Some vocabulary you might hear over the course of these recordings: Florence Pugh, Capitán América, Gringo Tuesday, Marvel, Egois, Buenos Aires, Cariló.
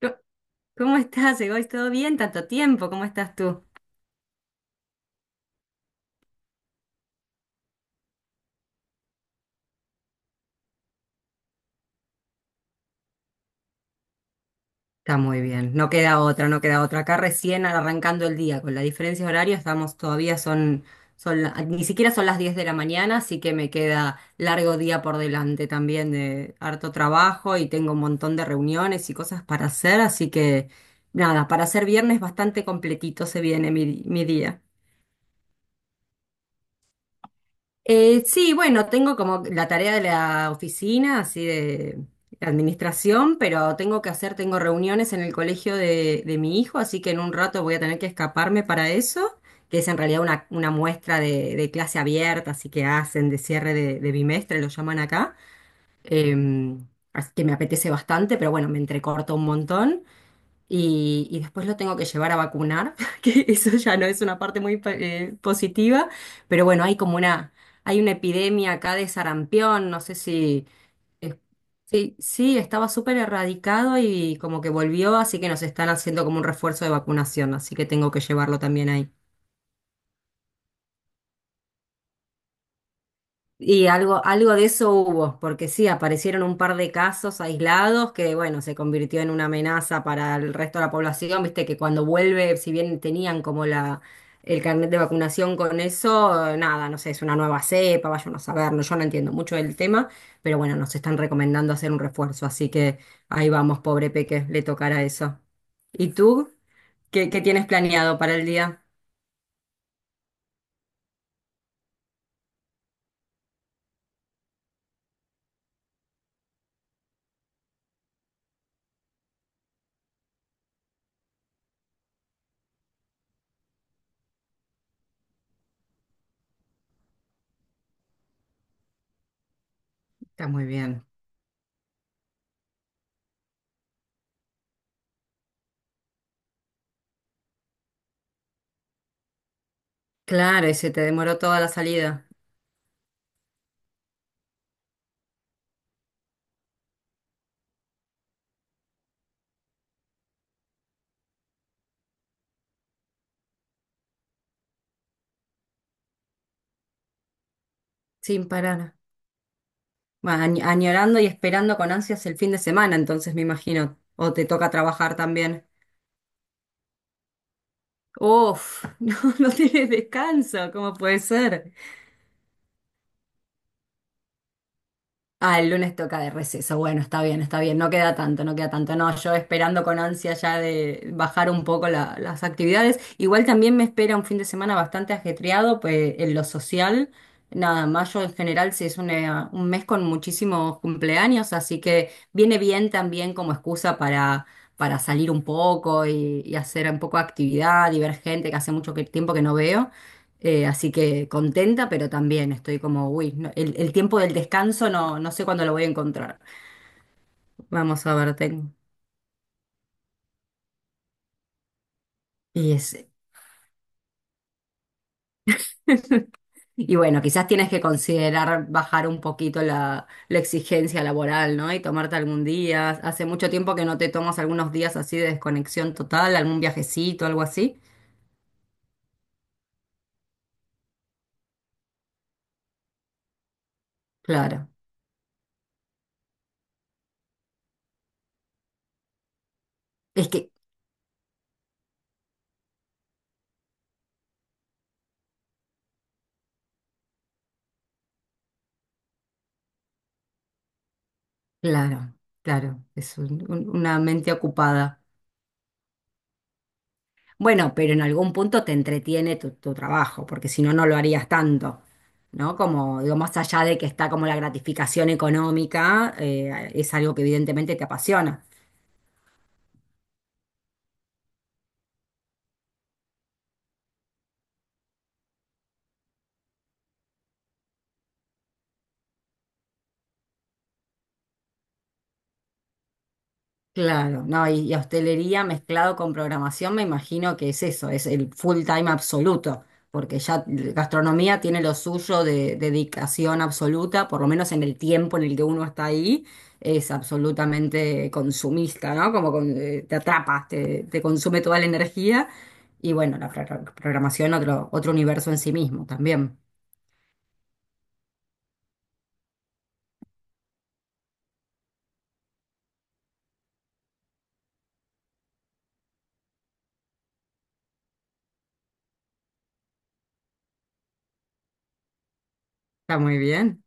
Co- ¿Cómo estás, Egois? ¿Todo bien? Tanto tiempo, ¿cómo estás tú? Está muy bien, no queda otra, no queda otra. Acá recién arrancando el día, con la diferencia horaria, estamos todavía son, son la- ni siquiera son las 10 de la mañana, así que me queda largo día por delante también de harto trabajo y tengo un montón de reuniones y cosas para hacer, así que nada, para ser viernes bastante completito se viene mi día. Sí, bueno, tengo como la tarea de la oficina, así de administración, pero tengo que hacer, tengo reuniones en el colegio de mi hijo, así que en un rato voy a tener que escaparme para eso, que es en realidad una muestra de clase abierta, así que hacen de cierre de bimestre, lo llaman acá. Em, Así que me apetece bastante, pero bueno, me entrecorto un montón y después lo tengo que llevar a vacunar, que eso ya no es una parte muy positiva, pero bueno, hay como una, hay una epidemia acá de sarampión, no sé si, es- sí, sí, estaba súper erradicado y como que volvió, así que nos están haciendo como un refuerzo de vacunación, así que tengo que llevarlo también ahí. Y algo, algo de eso hubo, porque sí, aparecieron un par de casos aislados que, bueno, se convirtió en una amenaza para el resto de la población, viste que cuando vuelve, si bien tenían como la, el carnet de vacunación con eso, nada, no sé, es una nueva cepa, vayan a saber, no, yo no entiendo mucho del tema, pero bueno, nos están recomendando hacer un refuerzo, así que ahí vamos, pobre Peque, le tocará eso. ¿Y tú? ¿Qué tienes planeado para el día? Está muy bien. Claro, y se te demoró toda la salida, sin parar. Vas añ- añorando y esperando con ansias el fin de semana, entonces me imagino. O te toca trabajar también. Uf, no, no tienes descanso, ¿cómo puede ser? Ah, el lunes toca de receso. Bueno, está bien, está bien. No queda tanto, no queda tanto. No, yo esperando con ansia ya de bajar un poco la- las actividades. Igual también me espera un fin de semana bastante ajetreado, pues en lo social. Nada, mayo en general sí es una- un mes con muchísimos cumpleaños, así que viene bien también como excusa para salir un poco y hacer un poco de actividad, divergente, que hace mucho que- tiempo que no veo. Así que contenta, pero también estoy como, uy, no, el tiempo del descanso no, no sé cuándo lo voy a encontrar. Vamos a ver, tengo. Y ese. Y bueno, quizás tienes que considerar bajar un poquito la exigencia laboral, ¿no? Y tomarte algún día. Hace mucho tiempo que no te tomas algunos días así de desconexión total, algún viajecito, algo así. Claro. Es que, claro, claro, es un- una mente ocupada. Bueno, pero en algún punto te entretiene tu trabajo, porque si no, no lo harías tanto, ¿no? Como, digo, más allá de que está como la gratificación económica, es algo que evidentemente te apasiona. Claro, no, y hostelería mezclado con programación, me imagino que es eso, es el full time absoluto, porque ya gastronomía tiene lo suyo de dedicación absoluta, por lo menos en el tiempo en el que uno está ahí, es absolutamente consumista, ¿no? Como con- te atrapas, te consume toda la energía, y bueno, la pro- programación otro, otro universo en sí mismo también. Está muy bien.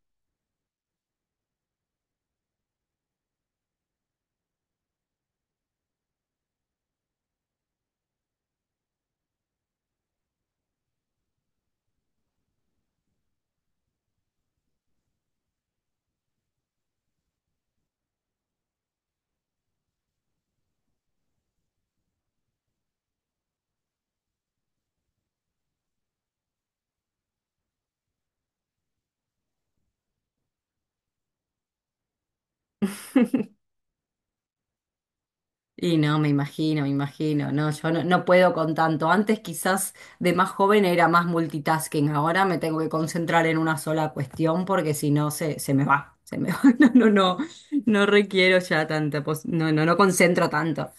Y no, me imagino, me imagino. No, yo no, no puedo con tanto. Antes quizás de más joven era más multitasking. Ahora me tengo que concentrar en una sola cuestión porque si no se, se me va. Se me va. No, no, no. No requiero ya tanta pos- No, no, no concentro tanto.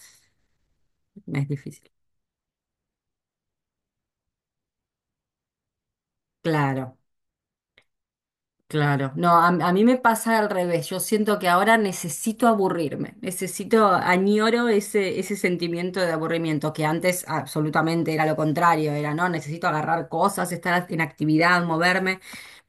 Me es difícil. Claro. Claro, no, a mí me pasa al revés, yo siento que ahora necesito aburrirme, necesito, añoro ese, ese sentimiento de aburrimiento que antes absolutamente era lo contrario, era no, necesito agarrar cosas, estar en actividad, moverme,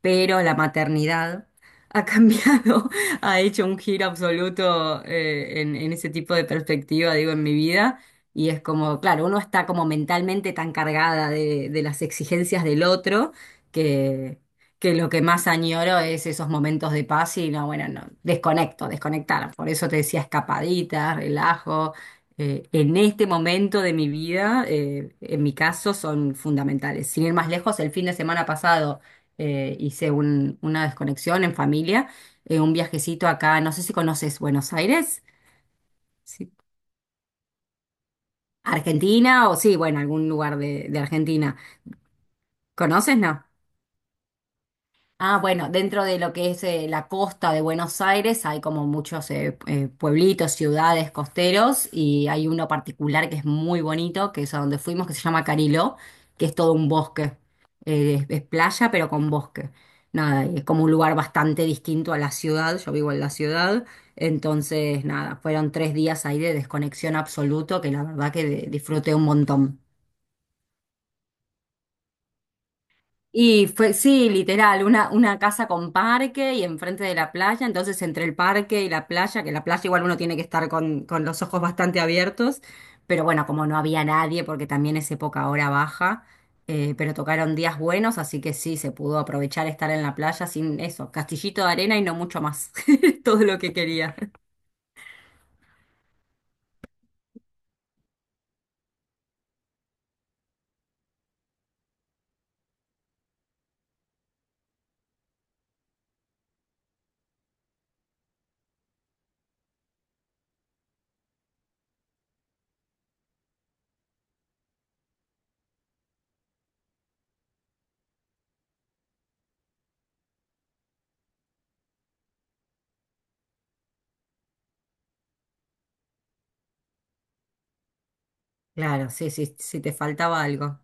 pero la maternidad ha cambiado, ha hecho un giro absoluto en ese tipo de perspectiva, digo, en mi vida. Y es como, claro, uno está como mentalmente tan cargada de las exigencias del otro que lo que más añoro es esos momentos de paz y no, bueno, no, desconecto, desconectar. Por eso te decía escapadita, relajo. En este momento de mi vida, en mi caso, son fundamentales. Sin ir más lejos, el fin de semana pasado hice un- una desconexión en familia, un viajecito acá, no sé si conoces Buenos Aires. Sí. Argentina o sí, bueno, algún lugar de Argentina. ¿Conoces, no? Ah, bueno, dentro de lo que es la costa de Buenos Aires hay como muchos pueblitos, ciudades, costeros y hay uno particular que es muy bonito, que es a donde fuimos, que se llama Cariló, que es todo un bosque. Es playa pero con bosque. Nada, y es como un lugar bastante distinto a la ciudad, yo vivo en la ciudad, entonces nada, fueron 3 días ahí de desconexión absoluto que la verdad que de- disfruté un montón. Y fue, sí, literal, una casa con parque y enfrente de la playa, entonces entre el parque y la playa, que la playa igual uno tiene que estar con los ojos bastante abiertos, pero bueno, como no había nadie, porque también es época hora baja, pero tocaron días buenos, así que sí, se pudo aprovechar estar en la playa sin eso, castillito de arena y no mucho más, todo lo que quería. Claro, sí, sí, sí te faltaba algo.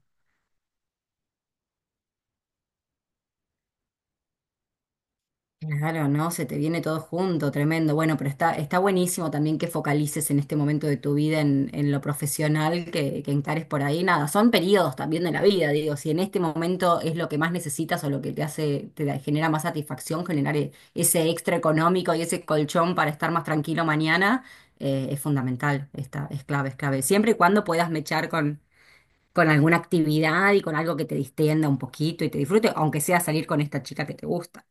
Claro, no, se te viene todo junto, tremendo. Bueno, pero está, está buenísimo también que focalices en este momento de tu vida en lo profesional que encares por ahí. Nada, son periodos también de la vida, digo, si en este momento es lo que más necesitas o lo que te hace, te da- genera más satisfacción, generar e- ese extra económico y ese colchón para estar más tranquilo mañana, es fundamental, está, es clave, es clave. Siempre y cuando puedas mechar con alguna actividad y con algo que te distienda un poquito y te disfrute, aunque sea salir con esta chica que te gusta.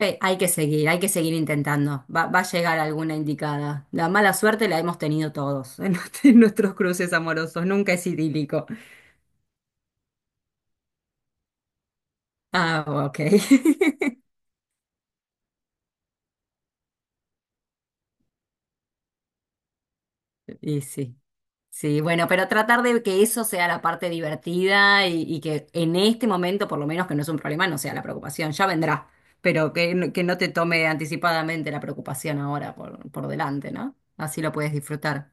Hay que seguir, hay que seguir intentando. Va, va a llegar alguna indicada. La mala suerte la hemos tenido todos en, en nuestros cruces amorosos. Nunca es idílico. Ah, ok. Y sí. Sí, bueno, pero tratar de que eso sea la parte divertida y que en este momento, por lo menos, que no es un problema, no sea la preocupación. Ya vendrá. Pero que no te tome anticipadamente la preocupación ahora por delante, ¿no? Así lo puedes disfrutar.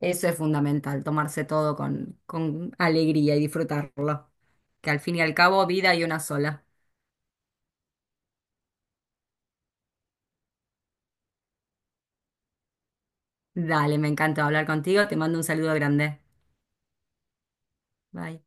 Eso es fundamental, tomarse todo con alegría y disfrutarlo. Que al fin y al cabo, vida hay una sola. Dale, me encanta hablar contigo, te mando un saludo grande. Bye.